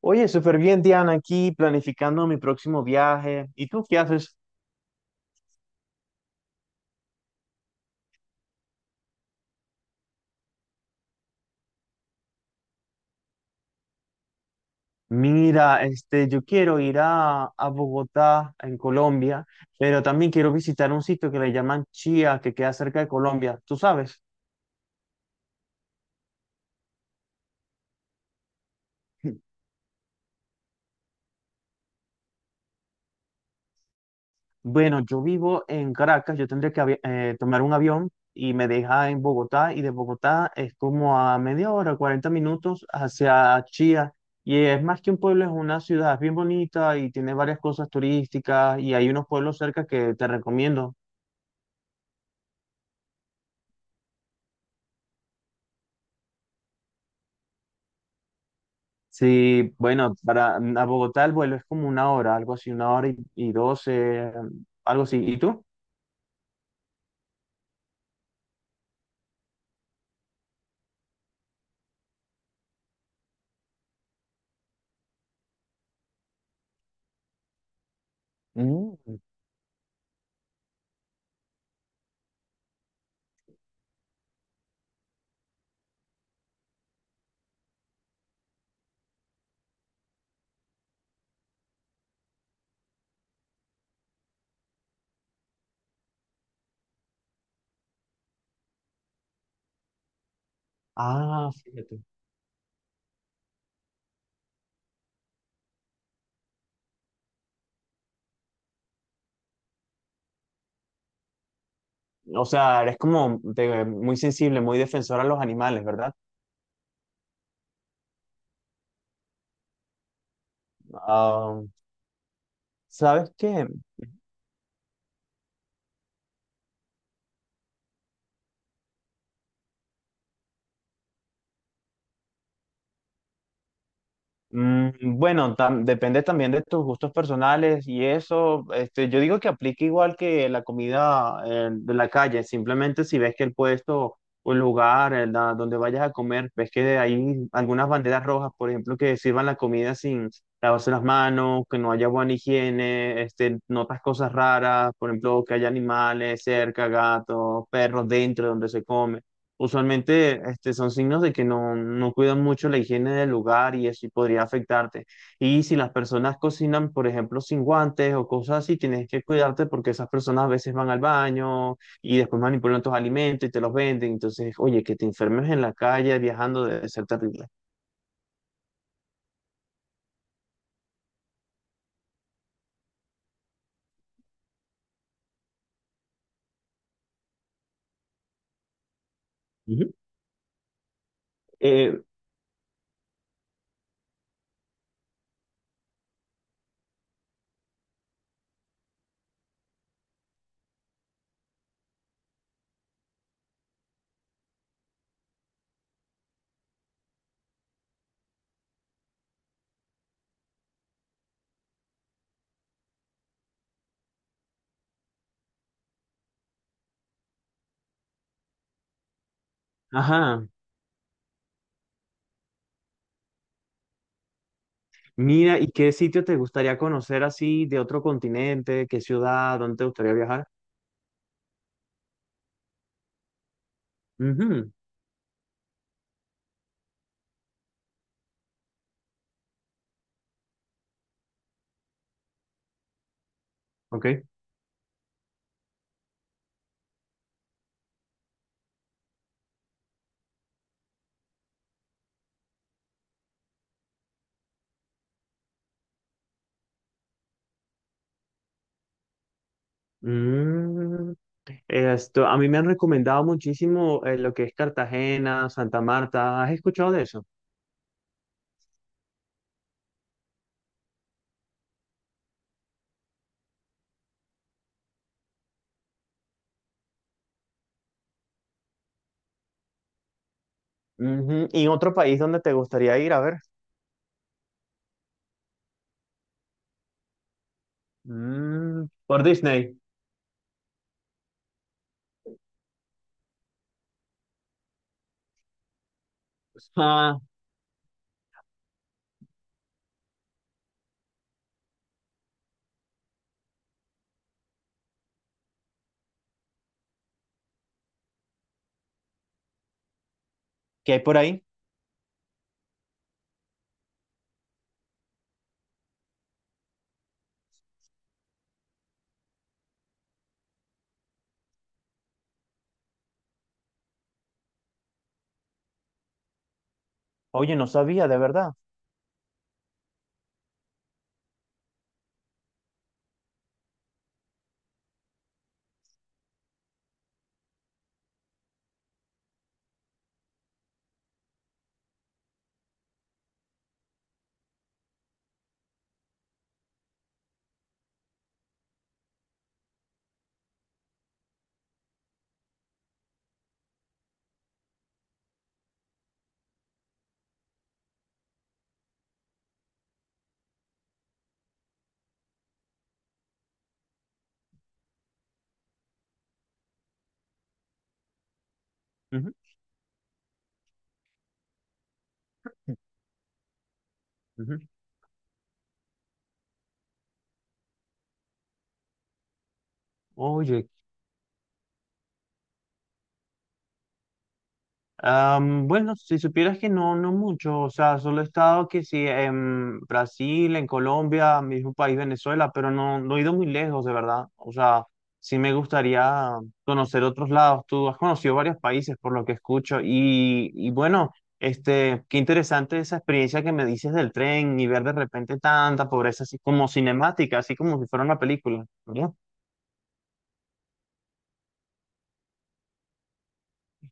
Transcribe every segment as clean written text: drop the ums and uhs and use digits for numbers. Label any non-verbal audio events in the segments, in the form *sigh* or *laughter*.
Oye, súper bien, Diana, aquí planificando mi próximo viaje. ¿Y tú qué haces? Mira, yo quiero ir a Bogotá, en Colombia, pero también quiero visitar un sitio que le llaman Chía, que queda cerca de Colombia. ¿Tú sabes? *laughs* Bueno, yo vivo en Caracas, yo tendría que tomar un avión y me deja en Bogotá, y de Bogotá es como a media hora, 40 minutos hacia Chía. Y es más que un pueblo, es una ciudad, es bien bonita y tiene varias cosas turísticas y hay unos pueblos cerca que te recomiendo. Sí, bueno, para a Bogotá el vuelo es como una hora, algo así, una hora y 12, algo así. ¿Y tú? Mm. Ah, fíjate. O sea, eres como muy sensible, muy defensor a los animales, ¿verdad? Ah, ¿sabes qué? Mm, bueno, depende también de tus gustos personales y eso. Yo digo que aplica igual que la comida, de la calle. Simplemente si ves que el puesto o el lugar, donde vayas a comer, ves que hay algunas banderas rojas, por ejemplo, que sirvan la comida sin lavarse las manos, que no haya buena higiene. Notas cosas raras, por ejemplo, que haya animales cerca, gatos, perros, dentro de donde se come. Usualmente, son signos de que no cuidan mucho la higiene del lugar y eso podría afectarte. Y si las personas cocinan, por ejemplo, sin guantes o cosas así, tienes que cuidarte porque esas personas a veces van al baño y después manipulan tus alimentos y te los venden. Entonces, oye, que te enfermes en la calle viajando debe ser terrible. Ujú. Eh, ajá. Mira, ¿y qué sitio te gustaría conocer así de otro continente? ¿Qué ciudad? ¿Dónde te gustaría viajar? Ujú. Ok. Mm, esto, a mí me han recomendado muchísimo, lo que es Cartagena, Santa Marta. ¿Has escuchado de eso? Ujú. ¿Y otro país donde te gustaría ir? A ver. Mm, por Disney. Ah, ¿qué hay por ahí? Oye, no sabía, de verdad. Ujú, ujú. Oye, bueno, si supieras que no, no mucho. O sea, solo he estado que sí en Brasil, en Colombia, mi mismo país Venezuela, pero no, no he ido muy lejos, de verdad. O sea, sí me gustaría conocer otros lados. Tú has conocido varios países por lo que escucho y, bueno, qué interesante esa experiencia que me dices del tren y ver de repente tanta pobreza, así como cinemática, así como si fuera una película, ¿verdad?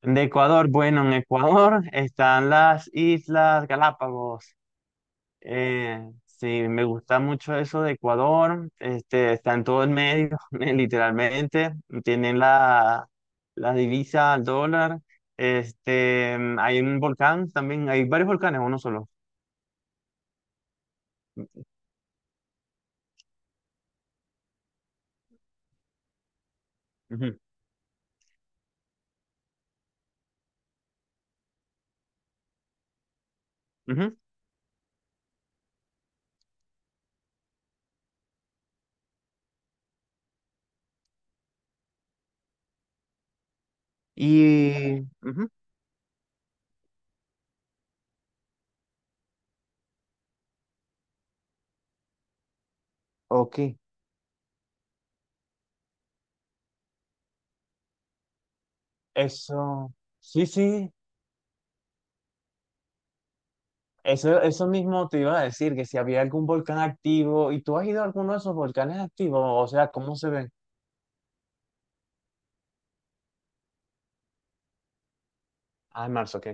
De Ecuador, bueno, en Ecuador *laughs* están las Islas Galápagos. Sí, me gusta mucho eso de Ecuador. Está en todo el medio, *laughs* literalmente. Tienen la divisa al dólar. Hay un volcán también. Hay varios volcanes, uno solo. Ujú, ujú. Y, ujú. Ok, eso, sí, sí, eso mismo te iba a decir, que si había algún volcán activo. ¿Y tú has ido a alguno de esos volcanes activos? O sea, ¿cómo se ven? Ah, en marzo, ok.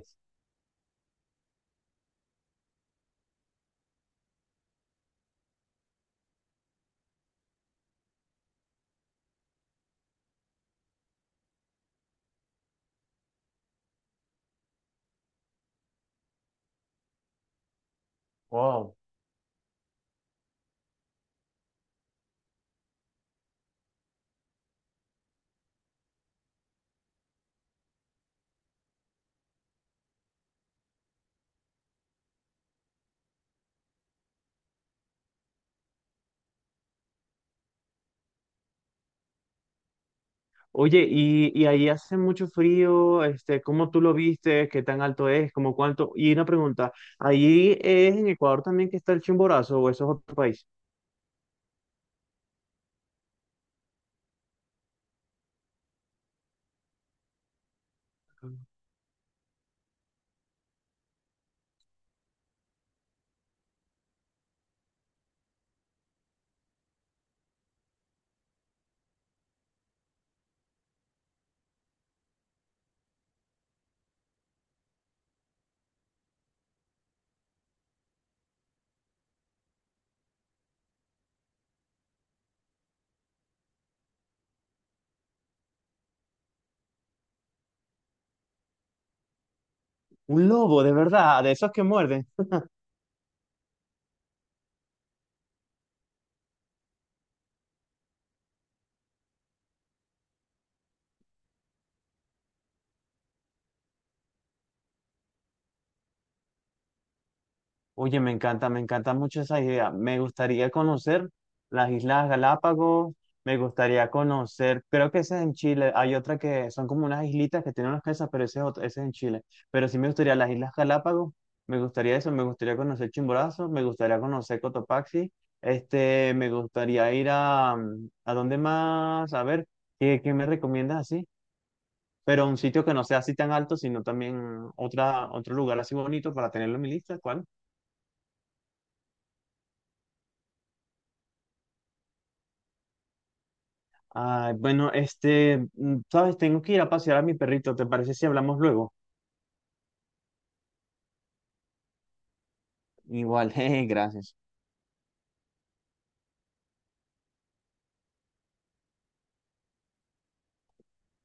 Wow. Oye, y ahí hace mucho frío. ¿Cómo tú lo viste? ¿Qué tan alto es? ¿Cómo cuánto? Y una pregunta, ¿ahí es en Ecuador también que está el Chimborazo o eso es otro país? Un lobo, de verdad, de esos que muerden. Oye, me encanta mucho esa idea. Me gustaría conocer las Islas Galápagos, me gustaría conocer, creo que esa es en Chile, hay otra que son como unas islitas que tienen unas casas, pero ese es, ese es en Chile. Pero sí, me gustaría las Islas Galápagos, me gustaría eso, me gustaría conocer Chimborazo, me gustaría conocer Cotopaxi. Me gustaría ir ¿a dónde más? A ver, ¿qué me recomiendas así. Pero un sitio que no sea así tan alto, sino también otro lugar así bonito para tenerlo en mi lista, ¿cuál? Ay, bueno, sabes, tengo que ir a pasear a mi perrito. ¿Te parece si hablamos luego? Igual, *laughs* jeje, gracias.